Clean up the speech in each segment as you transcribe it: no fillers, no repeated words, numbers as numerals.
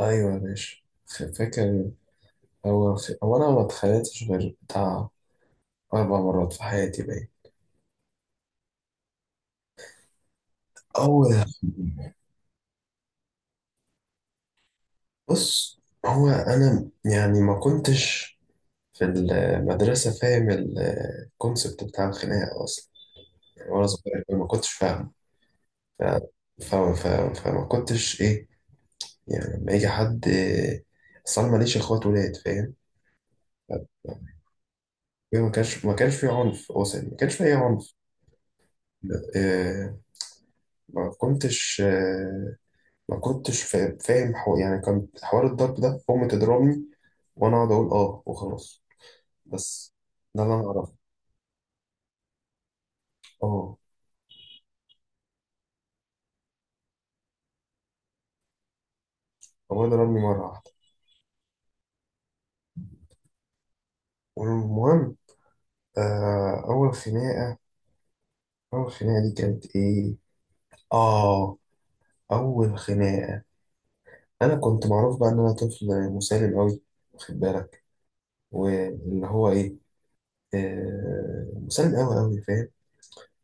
ايوه يا باشا. فاكر. اول في هو انا ما اتخانقتش غير بتاع اربع مرات في حياتي، باين. اول، بص، هو انا يعني ما كنتش في المدرسه فاهم الكونسبت بتاع الخناقه اصلا. يعني وانا صغير ما كنتش فاهم. ف... ف... ف... فما كنتش ايه، يعني لما يجي حد. اصل انا ماليش اخوات ولاد، فاهم. ف- ما كانش في عنف اصلا، ما كانش في اي عنف. آه، ما كنتش ما كنتش فاهم يعني كان حوار الضرب ده أمي تضربني وأنا أقعد أقول آه وخلاص، بس. ده اللي أنا أعرفه. آه أبويا ضربني مرة واحدة. والمهم، آه أول خناقة أول خناقة دي كانت إيه؟ آه أول خناقة، أنا كنت معروف بقى إن أنا طفل مسالم أوي، واخد بالك، واللي هو إيه، مسالم أوي أوي، فاهم.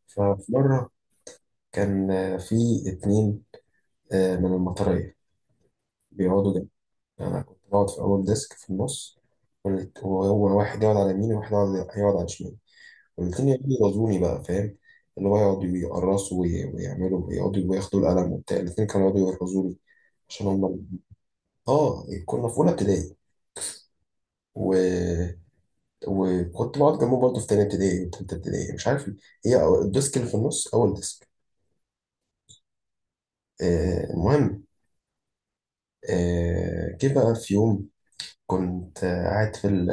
ففي مرة كان في اتنين من المطرية بيقعدوا. يعني أنا كنت بقعد في أول ديسك في النص، وهو واحد يقعد على يميني وواحد يقعد على شمالي، والاتنين يقعدوا يرازوني بقى، فاهم. اللي هو يقعدوا يقرصوا ويعملوا ويقعدوا وياخدوا القلم وبتاع، الاتنين كانوا يقعدوا يرازوني عشان هم. اه كنا في أولى ابتدائي و... وكنت بقعد جنبه برضه في تانية ابتدائي وتالتة ابتدائي، مش عارف ليه. هي الديسك اللي في النص أول ديسك. المهم، جه بقى في يوم كنت قاعد في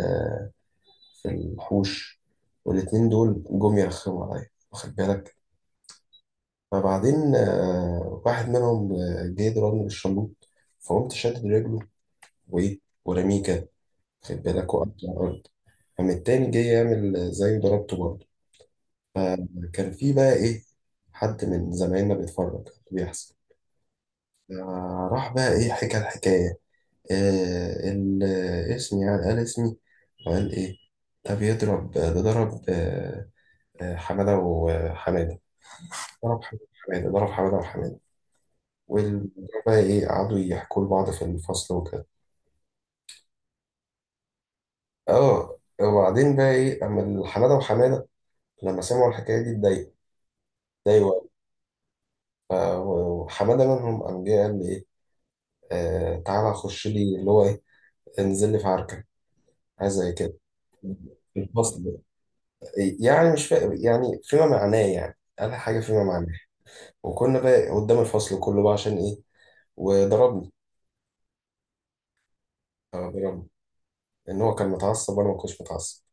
في الحوش، والاتنين دول جم يرخموا عليا، واخد بالك. فبعدين واحد منهم جه ضربني بالشلوط، فقمت شادد رجله وإيه، ورميه كده، واخد بالك، وقعت على الأرض. قام التاني جه يعمل زيه، ضربته برضه. فكان في بقى إيه، حد من زمايلنا بيتفرج على اللي بيحصل. راح بقى إيه، حكى الحكاية. آه، ال- اسمي، يعني قال اسمي، وقال إيه ده بيضرب ده، ضرب حمادة وحماد، ضرب حماده ضرب حماده وحماده. والمدير بقى ايه، قعدوا يحكوا لبعض في الفصل وكده. اه وبعدين بقى ايه، اما حماده وحماده لما سمعوا الحكايه دي اتضايقوا، اتضايقوا قوي. ف- وحماده منهم قام جه قال لي ايه، تعالى خش لي، اللي هو ايه، انزل لي في عركه، حاجه زي كده، في الفصل. يعني مش فاهم، يعني فيما معناه، يعني قال حاجه فيما معناه. وكنا بقى قدام الفصل كله بقى، عشان ايه، وضربني. اه، ضربني، ان هو كان متعصب وانا ما كنتش متعصب.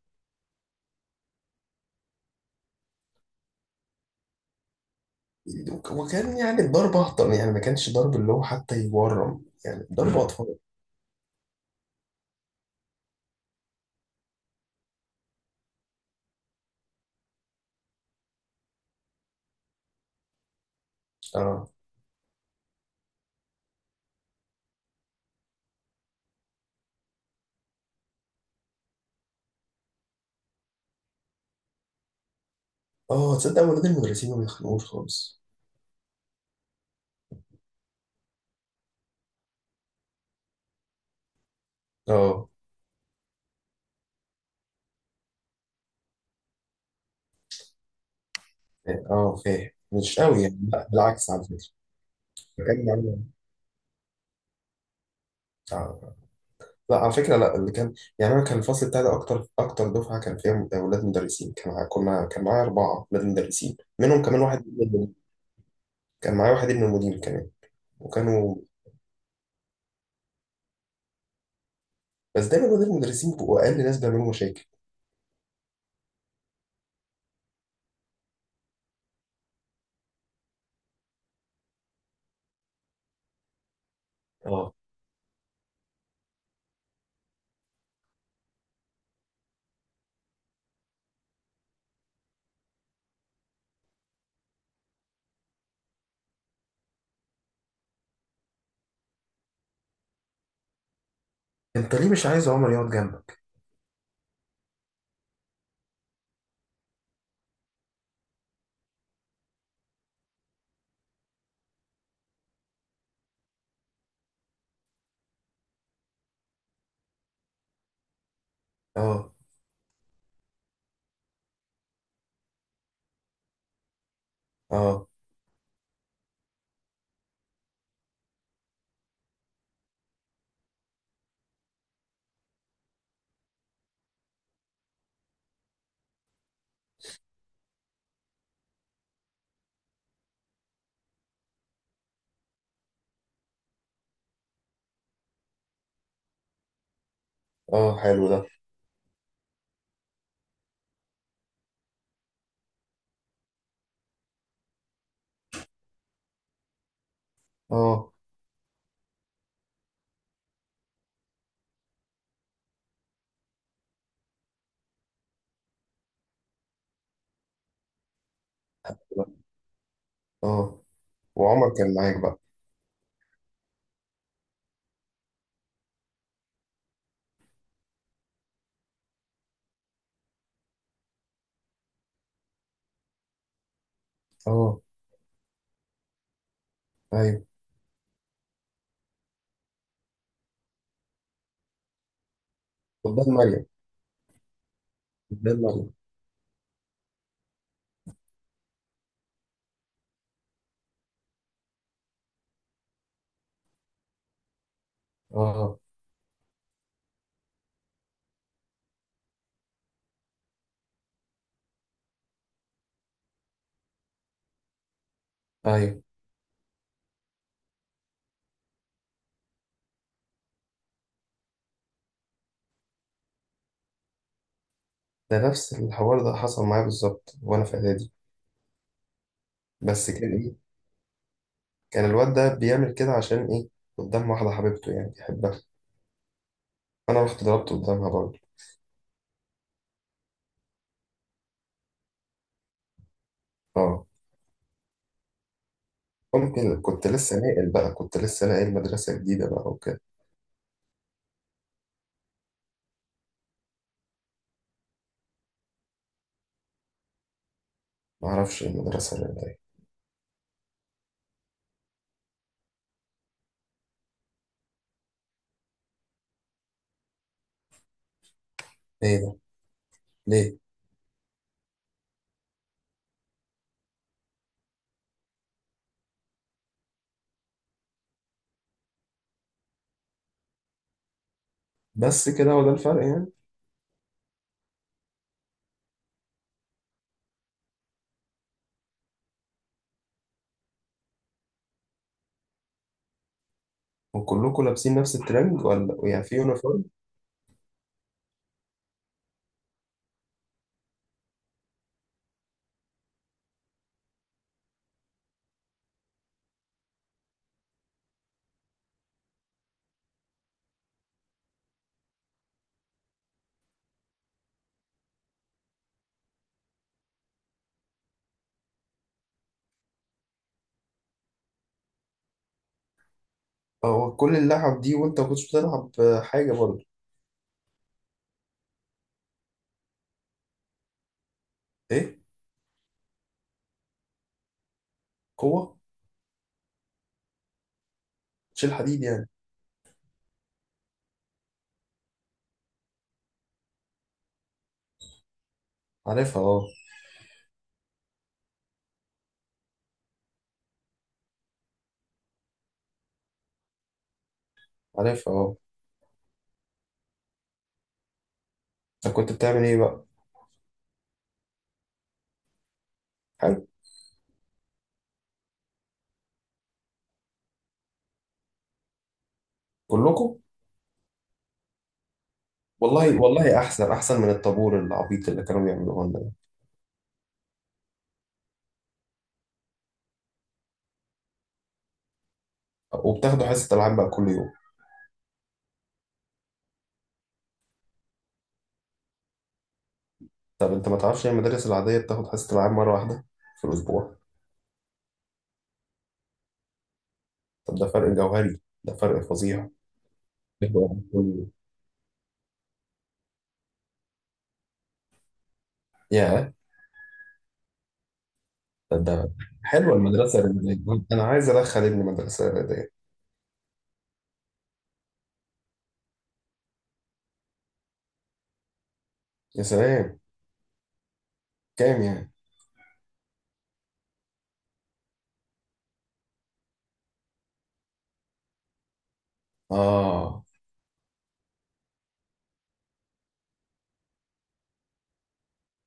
وكان يعني الضرب أهطل، يعني ما كانش ضرب اللي هو حتى يورم، يعني ضرب أطفال. اه، اه، تصدق ولاد المدرسين ما بيخنقوش خالص. اه، يعني، اه، فاهم مش قوي، يعني لا، بالعكس، على فكرة كان يعني. آه. لا، على فكرة، لا اللي كان، يعني أنا كان الفصل بتاعي ده أكتر أكتر دفعة كان فيها ولاد مدرسين. كان مع- كنا كان معايا أربعة ولاد مدرسين، منهم كمان واحد ابن المدير، كان معايا واحد ابن المدير كمان. وكانوا بس دايما ولاد المدرسين بيبقوا أقل ناس بيعملوا مشاكل. اه، أنت ليه مش عايز عمر يقعد جنبك؟ اه، اه، اه، حلو ده. اه، اه. وعمر كان معاك بقى. اه، ايوه، قدام مريم، قدام مريم. اه، ايوه. ده نفس الحوار ده حصل معايا بالظبط وانا في اعدادي. بس كان ايه، كان الواد ده بيعمل كده عشان ايه، قدام واحده حبيبته يعني بيحبها. انا رحت ضربت قدامها برضه. اه، ممكن كنت لسه ناقل مدرسه جديده بقى وكده. ما اعرفش إيه المدرسه اللي هي. ايه ده؟ ليه؟ بس كده، هو ده الفرق يعني. وكلكم لابسين نفس الترنج، ولا يعني في يونيفورم؟ هو كل اللعب دي وانت ما كنتش بتلعب حاجة برضه؟ ايه؟ قوة؟ تشيل حديد يعني؟ عارفها، اه. عارفها، اه. انت كنت بتعمل ايه بقى؟ حلو. كلكم؟ والله، والله احسن، احسن من الطابور العبيط اللي كانوا بيعملوه لنا ده. وبتاخدوا حصة العاب بقى كل يوم؟ طب انت ما تعرفش ان المدارس العادية بتاخد حصة العاب مرة واحدة في الاسبوع؟ طب ده فرق جوهري، ده فرق فظيع. بتبقى كل يوم. يا، ده حلوة المدرسة الرياضية، انا عايز ادخل ابني مدرسة رياضية. يا سلام. كام يعني؟ اه،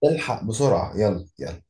الحق بسرعة، يلا يلا.